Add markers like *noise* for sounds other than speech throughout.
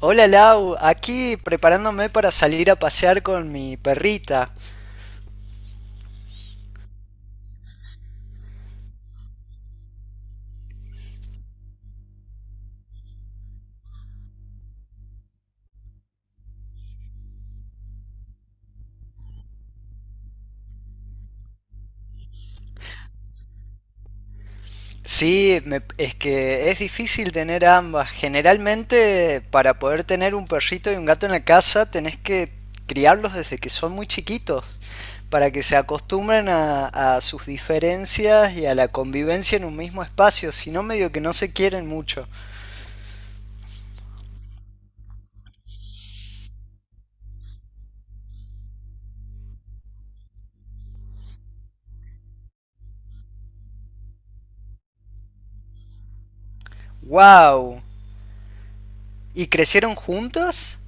Hola Lau, aquí preparándome para salir a pasear con mi perrita. Sí, es que es difícil tener ambas. Generalmente, para poder tener un perrito y un gato en la casa, tenés que criarlos desde que son muy chiquitos, para que se acostumbren a sus diferencias y a la convivencia en un mismo espacio, si no medio que no se quieren mucho. ¡Wow! ¿Y crecieron juntas?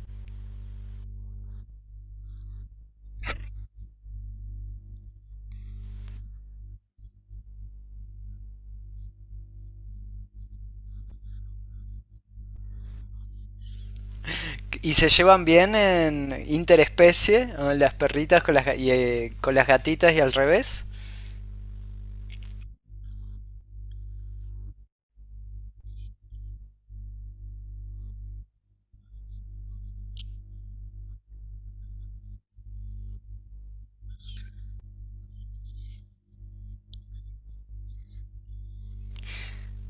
¿Y se llevan bien en interespecie? ¿No? Las perritas con con las gatitas y al revés.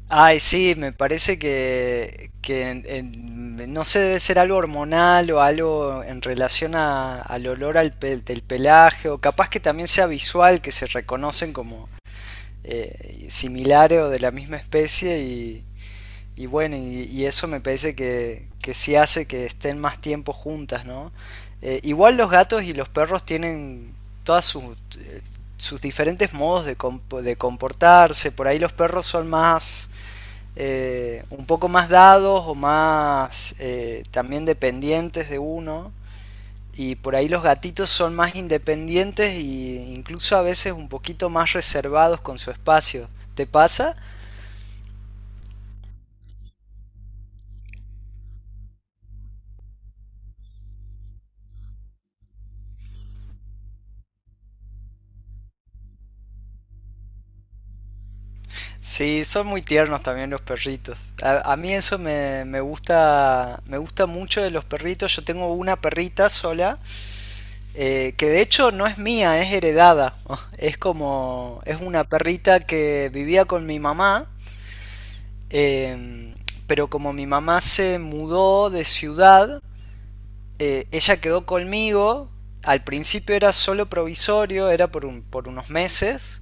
Ay, sí, me parece que, no sé, debe ser algo hormonal o algo en relación al olor al del pelaje o capaz que también sea visual, que se reconocen como similares o de la misma especie. Y bueno, y eso me parece que sí hace que estén más tiempo juntas, ¿no? Igual los gatos y los perros tienen todas sus, eh, sus diferentes modos de comportarse. Por ahí los perros son más, un poco más dados o más también dependientes de uno. Y por ahí los gatitos son más independientes e incluso a veces un poquito más reservados con su espacio. ¿Te pasa? Sí, son muy tiernos también los perritos. A mí eso me gusta mucho de los perritos. Yo tengo una perrita sola, que de hecho no es mía, es heredada. *laughs* Es como, es una perrita que vivía con mi mamá, em, pero como mi mamá se mudó de ciudad, ella quedó conmigo. Al principio era solo provisorio, era por por unos meses.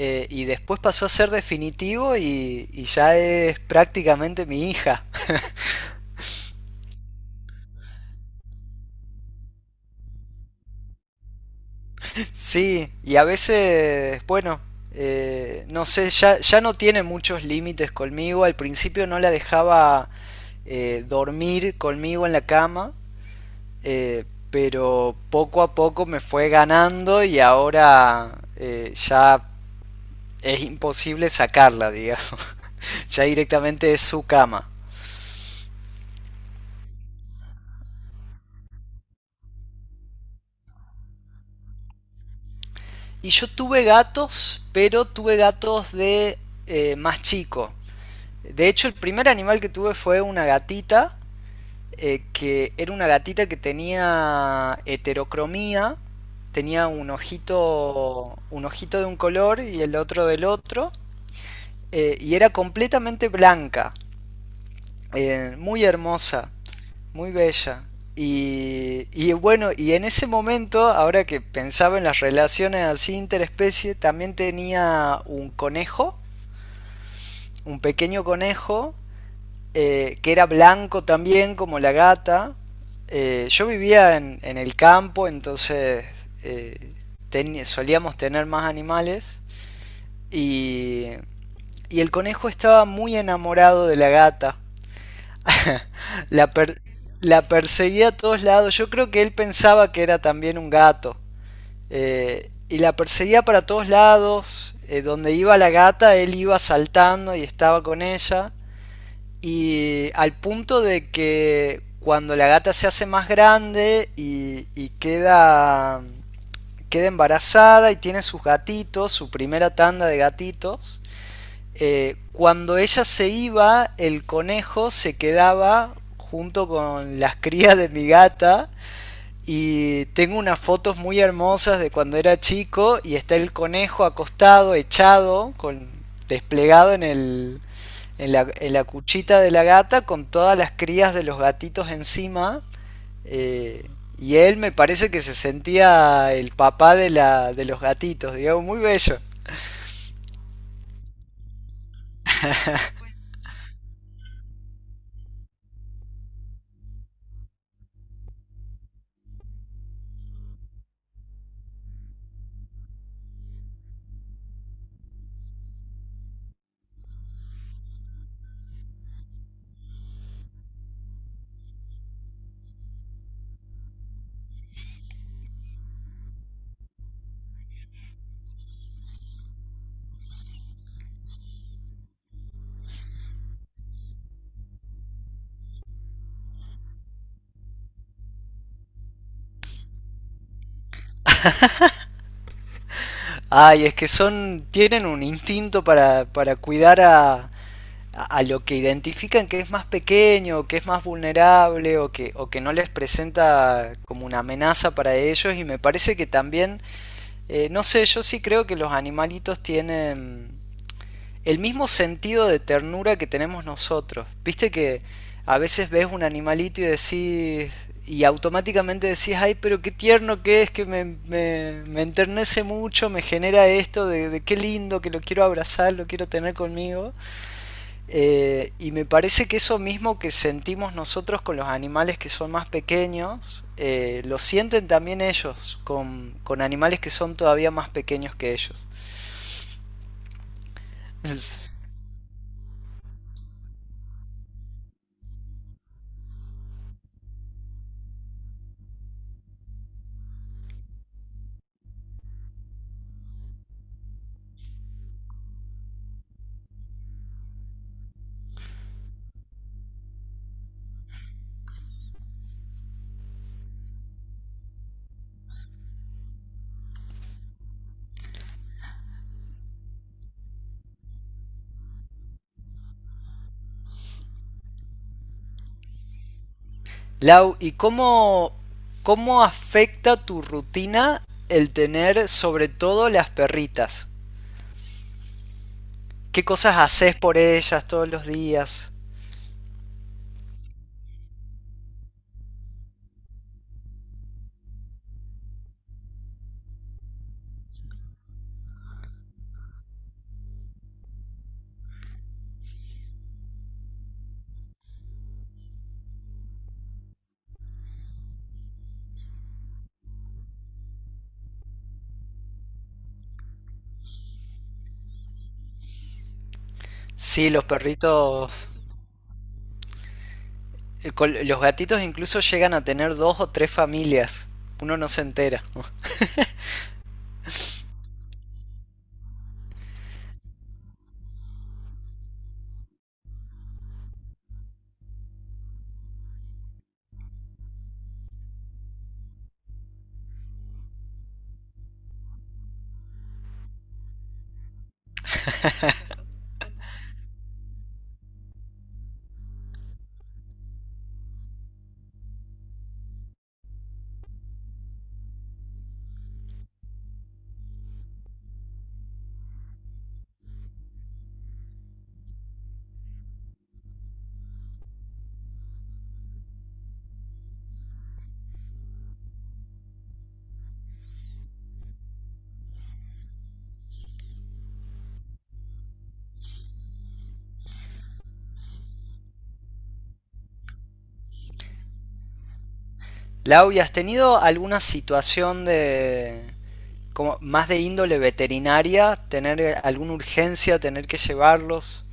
Y después pasó a ser definitivo y ya es prácticamente mi hija. *laughs* Sí, y a veces, bueno, no sé, ya no tiene muchos límites conmigo. Al principio no la dejaba dormir conmigo en la cama, eh, pero poco a poco me fue ganando y ahora ya es imposible sacarla, digamos. *laughs* Ya directamente es su cama. Y yo tuve gatos, pero tuve gatos de más chico. De hecho, el primer animal que tuve fue una gatita, que era una gatita que tenía heterocromía, tenía un ojito de un color y el otro del otro, y era completamente blanca, muy hermosa. Muy bella. Y bueno, y en ese momento, ahora que pensaba en las relaciones así interespecie, también tenía un conejo, un pequeño conejo, que era blanco también, como la gata. Yo vivía en, el campo, entonces eh, solíamos tener más animales. Y, y el conejo estaba muy enamorado de la gata. *laughs* La, per- la perseguía a todos lados. Yo creo que él pensaba que era también un gato. Y la perseguía para todos lados. Donde iba la gata, él iba saltando y estaba con ella. Y al punto de que cuando la gata se hace más grande y queda, queda embarazada y tiene sus gatitos, su primera tanda de gatitos, cuando ella se iba, el conejo se quedaba junto con las *laughs* crías de mi gata. Y tengo unas fotos muy hermosas de cuando era chico y está el conejo acostado, echado, con, desplegado en en la cuchita de la gata con todas las crías de los gatitos encima. eh, y él me parece que se sentía el papá de los gatitos, digamos, muy bello. Ay, es que son, tienen un instinto para cuidar a, a lo que identifican que es más pequeño, o que es más vulnerable o que no les presenta como una amenaza para ellos. Y me parece que también, no sé, yo sí creo que los animalitos tienen el mismo sentido de ternura que tenemos nosotros. Viste que a veces ves un animalito y decís, y automáticamente decís, ay, pero qué tierno que es, que me enternece mucho, me genera esto de qué lindo, que lo quiero abrazar, lo quiero tener conmigo. Y me parece que eso mismo que sentimos nosotros con los animales que son más pequeños, lo sienten también ellos con animales que son todavía más pequeños que ellos. *laughs* Lau, ¿y cómo, cómo afecta tu rutina el tener sobre todo las perritas? ¿Qué cosas haces por ellas todos los días? Sí, los perritos, los gatitos incluso llegan a tener dos o tres familias. Uno no se entera. *laughs* Lau, ¿y has tenido alguna situación de como más de índole veterinaria, tener alguna urgencia, tener que llevarlos?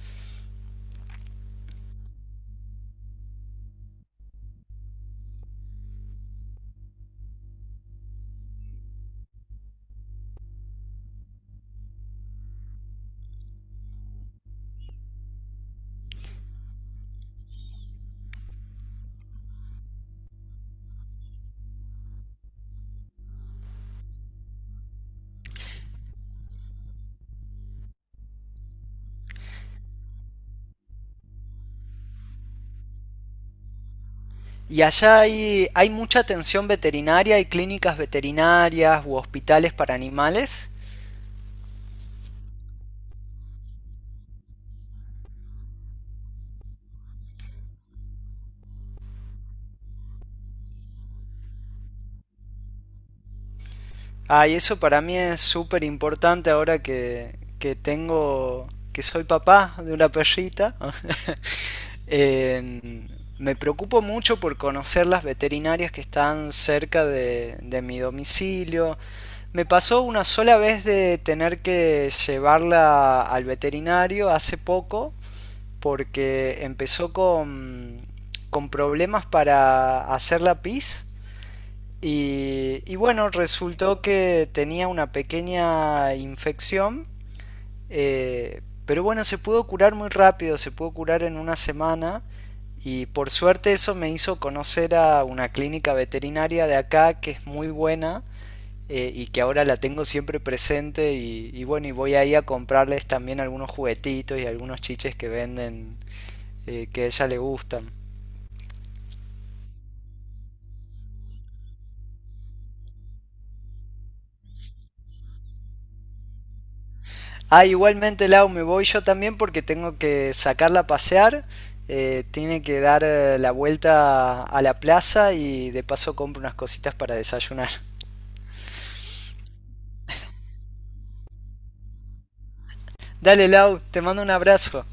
Y allá hay, hay mucha atención veterinaria, hay clínicas veterinarias u hospitales para animales. Ah, y eso para mí es súper importante ahora que tengo, que soy papá de una perrita. *laughs* Eh, Me preocupo mucho por conocer las veterinarias que están cerca de mi domicilio. Me pasó una sola vez de tener que llevarla al veterinario hace poco porque empezó con problemas para hacer la pis y bueno, resultó que tenía una pequeña infección, eh, pero bueno, se pudo curar muy rápido, se pudo curar en una semana y por suerte eso me hizo conocer a una clínica veterinaria de acá que es muy buena. Y que ahora la tengo siempre presente y bueno, y voy ahí a comprarles también algunos juguetitos y algunos chiches que venden que a ella le gustan. Ah, igualmente Lau, me voy yo también porque tengo que sacarla a pasear. Tiene que dar la vuelta a la plaza y de paso compro unas cositas para desayunar. *laughs* Dale Lau, te mando un abrazo.